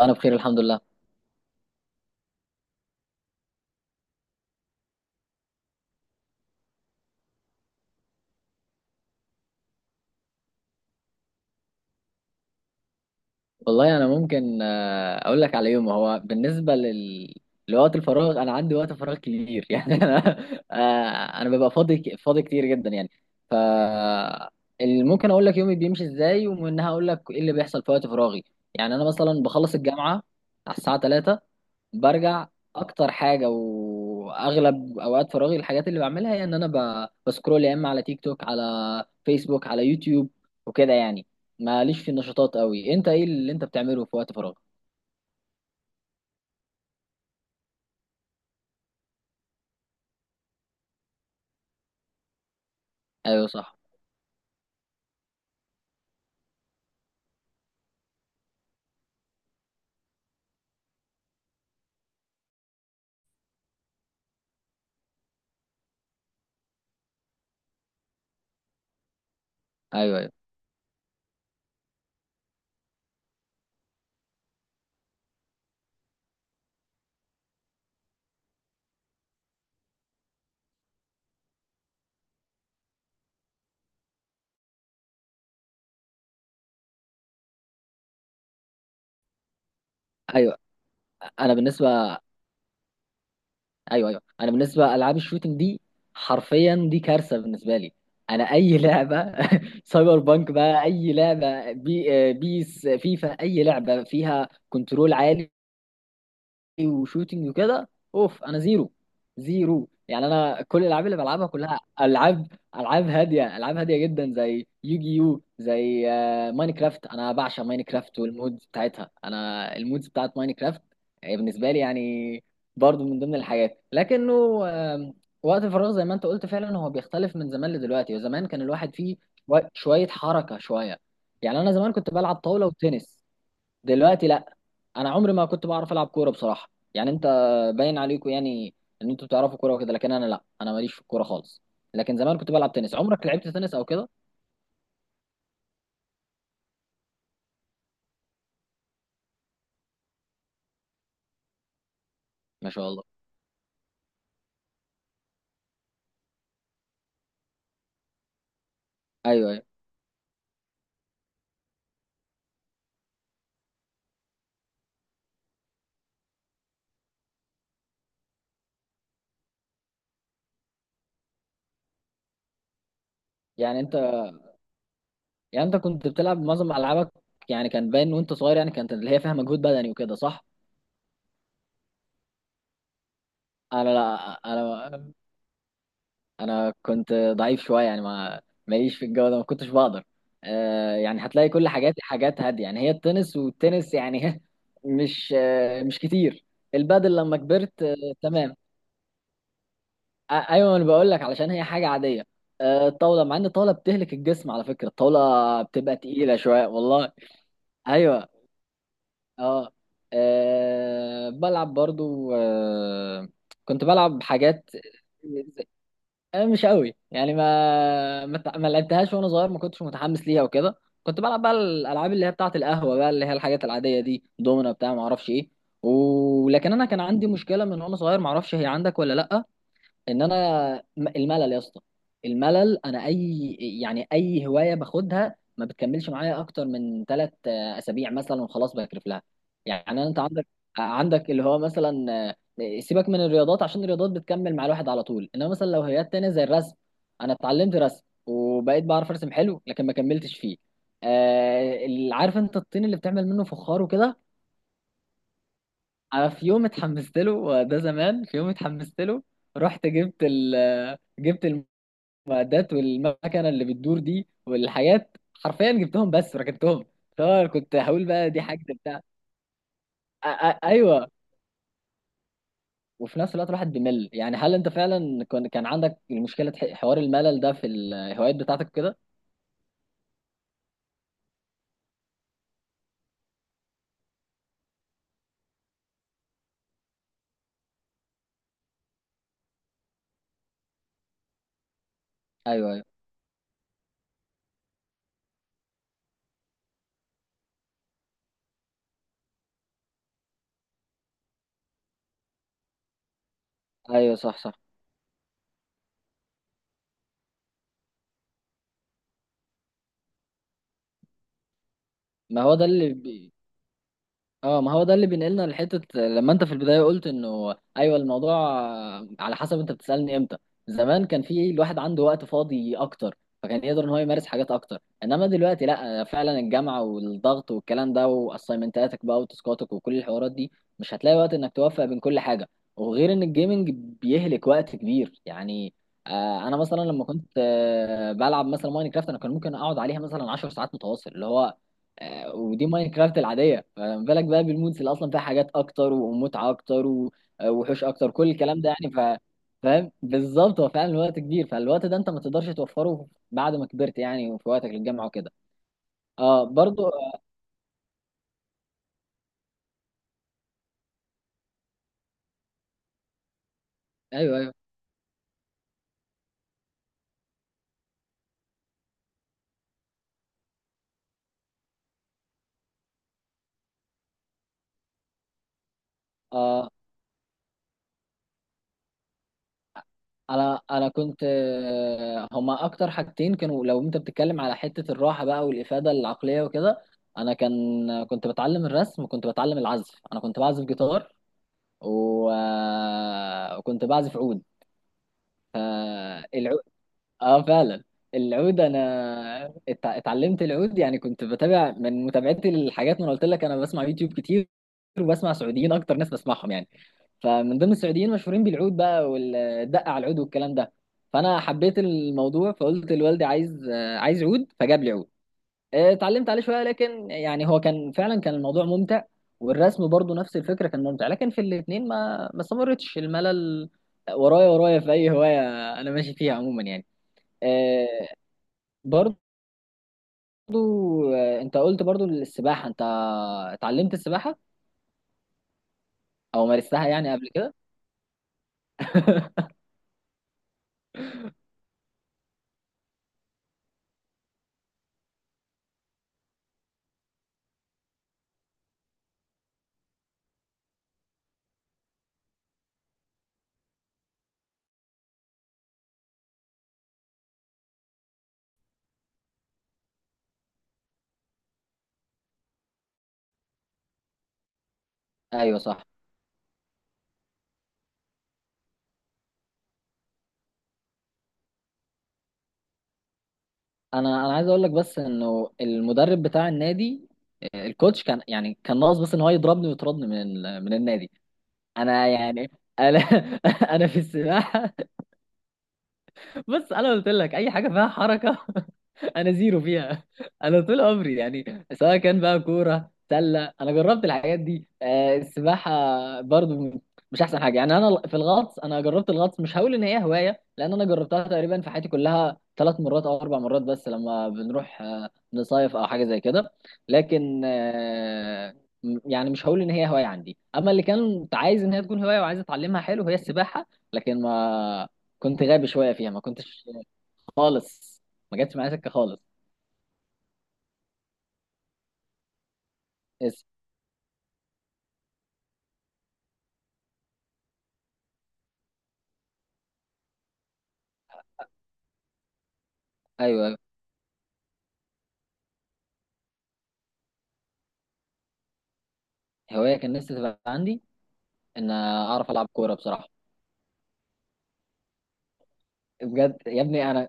انا بخير الحمد لله. والله انا ممكن اقول لك على يوم. هو بالنسبه لوقت الفراغ، انا عندي وقت فراغ كبير يعني انا، انا ببقى فاضي فاضي كتير جدا يعني. ف ممكن اقول لك يومي بيمشي ازاي ومنها اقول لك ايه اللي بيحصل في وقت فراغي. يعني انا مثلا بخلص الجامعه على الساعه 3، برجع. اكتر حاجه واغلب اوقات فراغي الحاجات اللي بعملها هي ان انا بسكرول يا اما على تيك توك، على فيسبوك، على يوتيوب وكده يعني. ماليش في النشاطات قوي. انت ايه اللي انت بتعمله في وقت فراغ؟ ايوه صح. ايوه ايوه. ايوه انا بالنسبه ايوه ايوه انا بالنسبه العاب الشوتينج دي حرفيا دي كارثه بالنسبه لي. انا اي لعبه سايبر بانك بقى، اي لعبه بي آه، بيس، فيفا، اي لعبه فيها كنترول عالي وشوتينج وكده، اوف. انا زيرو زيرو يعني. انا كل الالعاب اللي بلعبها كلها العاب، العاب هاديه، العاب هاديه جدا زي يوجي يو، زي ماينكرافت. انا بعشق ماينكرافت والمودز بتاعتها. انا المودز بتاعت ماينكرافت بالنسبه لي يعني، برضو من ضمن الحاجات. لكنه آم، وقت الفراغ زي ما انت قلت فعلا هو بيختلف من زمان لدلوقتي، وزمان كان الواحد فيه شوية شوية حركة شوية. يعني انا زمان كنت بلعب طاولة وتنس. دلوقتي لا. انا عمري ما كنت بعرف العب كوره بصراحه يعني. انت باين عليكم يعني ان انتوا بتعرفوا كوره وكده، لكن انا لا. انا ماليش في الكوره خالص. لكن زمان كنت بلعب تنس. عمرك لعبت تنس او كده؟ ما شاء الله. ايوه ايوه. يعني انت، كنت بتلعب معظم العابك يعني، كان باين وانت صغير يعني كانت اللي هي فيها مجهود بدني وكده، صح. انا لا. انا انا كنت ضعيف شويه يعني. ما ماليش في الجو ده، ما كنتش بقدر. آه يعني هتلاقي كل حاجاتي حاجات هاديه يعني، هي التنس، والتنس يعني مش مش كتير. البادل لما كبرت آه. تمام. آه ايوه انا بقول لك علشان هي حاجه عاديه. آه الطاوله، مع ان الطاوله بتهلك الجسم على فكره. الطاوله بتبقى تقيله شويه والله. ايوه. اه، آه بلعب برضو آه. كنت بلعب حاجات. أنا مش قوي يعني. ما لعبتهاش وانا صغير، ما كنتش متحمس ليها وكده. كنت بلعب بقى الالعاب اللي هي بتاعه القهوه بقى، اللي هي الحاجات العاديه دي، دومنا بتاع ما اعرفش ايه. ولكن انا كان عندي مشكله من وانا صغير، ما اعرفش هي عندك ولا لا. ان انا الملل يا اسطى. الملل. انا اي هوايه باخدها ما بتكملش معايا اكتر من 3 اسابيع مثلا، وخلاص بكرف لها. يعني انت عندك، اللي هو مثلا سيبك من الرياضات عشان الرياضات بتكمل مع الواحد على طول، انما مثلا لو هوايات تانية زي الرسم، انا اتعلمت رسم وبقيت بعرف ارسم حلو لكن ما كملتش فيه. آه عارف انت الطين اللي بتعمل منه فخار وكده، انا في يوم اتحمست له، وده زمان في يوم اتحمست له رحت جبت المعدات والمكنه اللي بتدور دي والحاجات. حرفيا جبتهم بس ركنتهم. فأنا كنت هقول بقى دي حاجه ايوه. وفي نفس الوقت الواحد بيمل يعني. هل انت فعلا كان عندك المشكله حوار الملل ده في الهوايات بتاعتك كده؟ ايوه ايوه. ايوه صح صح. ما هو ده اللي، اه ما هو ده اللي بينقلنا لحته لما انت في البدايه قلت انه ايوه، الموضوع على حسب انت بتسالني امتى. زمان كان في الواحد عنده وقت فاضي اكتر، فكان يقدر ان هو يمارس حاجات اكتر. انما دلوقتي لا، فعلا الجامعه والضغط والكلام ده، واسايمنتاتك بقى وتاسكاتك وكل الحوارات دي، مش هتلاقي وقت انك توفق بين كل حاجه. وغير ان الجيمنج بيهلك وقت كبير يعني. انا مثلا لما كنت بلعب مثلا ماينكرافت، انا كان ممكن اقعد عليها مثلا 10 ساعات متواصل اللي هو ودي كرافت العاديه، فما بالك بقى بالمودز اللي اصلا فيها حاجات اكتر ومتعه اكتر و- وحوش اكتر، كل الكلام ده يعني. فاهم بالظبط. هو فعلا الوقت كبير، فالوقت ده انت ما تقدرش توفره بعد ما كبرت يعني، وفي وقتك للجامعه وكده. اه برضو آه، ايوه ايوه. اه انا كنت هما اكتر حاجتين كانوا، لو انت بتتكلم على حته الراحه بقى والافاده العقليه وكده، انا كنت بتعلم الرسم وكنت بتعلم العزف. انا كنت بعزف جيتار و وكنت بعزف عود. العود، اه فعلا. العود انا اتعلمت العود يعني. كنت بتابع من متابعتي الحاجات، ما انا قلت لك انا بسمع يوتيوب كتير. وبسمع سعوديين اكتر، ناس بسمعهم يعني، فمن ضمن السعوديين مشهورين بالعود بقى والدقة على العود والكلام ده. فانا حبيت الموضوع فقلت لوالدي عايز عايز عود فجاب لي عود. اتعلمت عليه شوية، لكن يعني هو كان فعلا كان الموضوع ممتع. والرسم برضو نفس الفكرة كان ممتع، لكن في الاتنين ما استمرتش. الملل ورايا، ورايا في اي هواية. انا ماشي فيها عموما يعني. آه، برضو انت قلت برضو السباحة. انت اتعلمت السباحة او مارستها يعني قبل كده؟ ايوه صح. انا عايز اقول لك بس انه المدرب بتاع النادي، الكوتش كان يعني كان ناقص بس ان هو يضربني ويطردني من من النادي. انا يعني انا انا في السباحة، بص انا قلت لك اي حاجه فيها حركه. انا زيرو فيها. انا طول عمري يعني، سواء كان بقى كوره سله، انا جربت الحاجات دي. السباحه برضو مش احسن حاجه يعني. انا في الغطس، انا جربت الغطس، مش هقول ان هي هوايه لان انا جربتها تقريبا في حياتي كلها 3 مرات او 4 مرات، بس لما بنروح نصيف او حاجه زي كده. لكن آه، يعني مش هقول ان هي هوايه عندي. اما اللي كانت عايز ان هي تكون هوايه وعايز اتعلمها حلو، هي السباحه. لكن ما كنت غبي شويه فيها، ما كنتش خالص. ما جاتش معايا سكه خالص. بس ايوه أيوة. هوايه كان نفسي تبقى عندي ان اعرف العب كوره بصراحه. بجد يا ابني. انا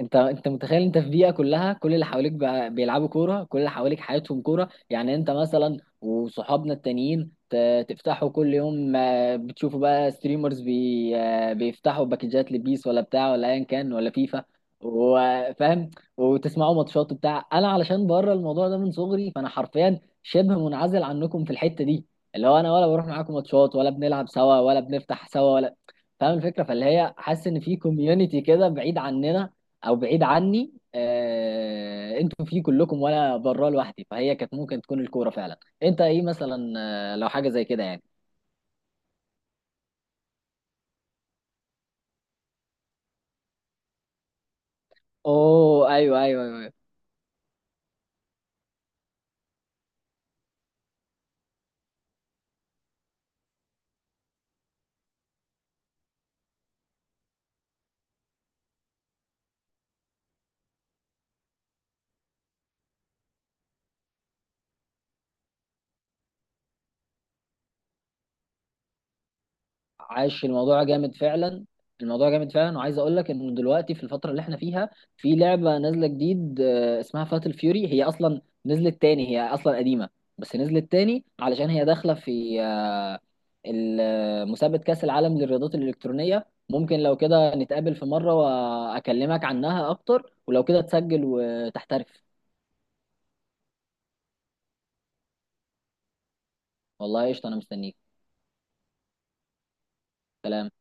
انت انت متخيل انت في بيئه كلها، كل اللي حواليك بقى بيلعبوا كوره، كل اللي حواليك حياتهم كوره. يعني انت مثلا وصحابنا التانيين تفتحوا كل يوم، بتشوفوا بقى ستريمرز بي آه، بيفتحوا باكجات لبيس ولا بتاع ولا ايا كان ولا فيفا، وفاهم، وتسمعوا ماتشات بتاع. انا علشان بره الموضوع ده من صغري، فانا حرفيا شبه منعزل عنكم في الحته دي، اللي هو انا ولا بروح معاكم ماتشات ولا بنلعب سوا ولا بنفتح سوا ولا. فاهم الفكره؟ فاللي هي حاسس ان في كوميونتي كده بعيد عننا او بعيد عني، انتوا فيه كلكم وانا بره لوحدي. فهي كانت ممكن تكون الكوره فعلا. انت ايه مثلا لو حاجه زي كده يعني؟ اوه ايوه ايوه، أيوة. عاش. الموضوع جامد فعلا. الموضوع جامد فعلا. وعايز اقول لك انه دلوقتي في الفتره اللي احنا فيها، في لعبه نازله جديد اسمها فاتل فيوري. هي اصلا نزلت تاني، هي اصلا قديمه بس نزلت تاني علشان هي داخله في مسابقه كاس العالم للرياضات الالكترونيه. ممكن لو كده نتقابل في مره واكلمك عنها اكتر ولو كده تسجل وتحترف. والله قشطه انا مستنيك. سلام.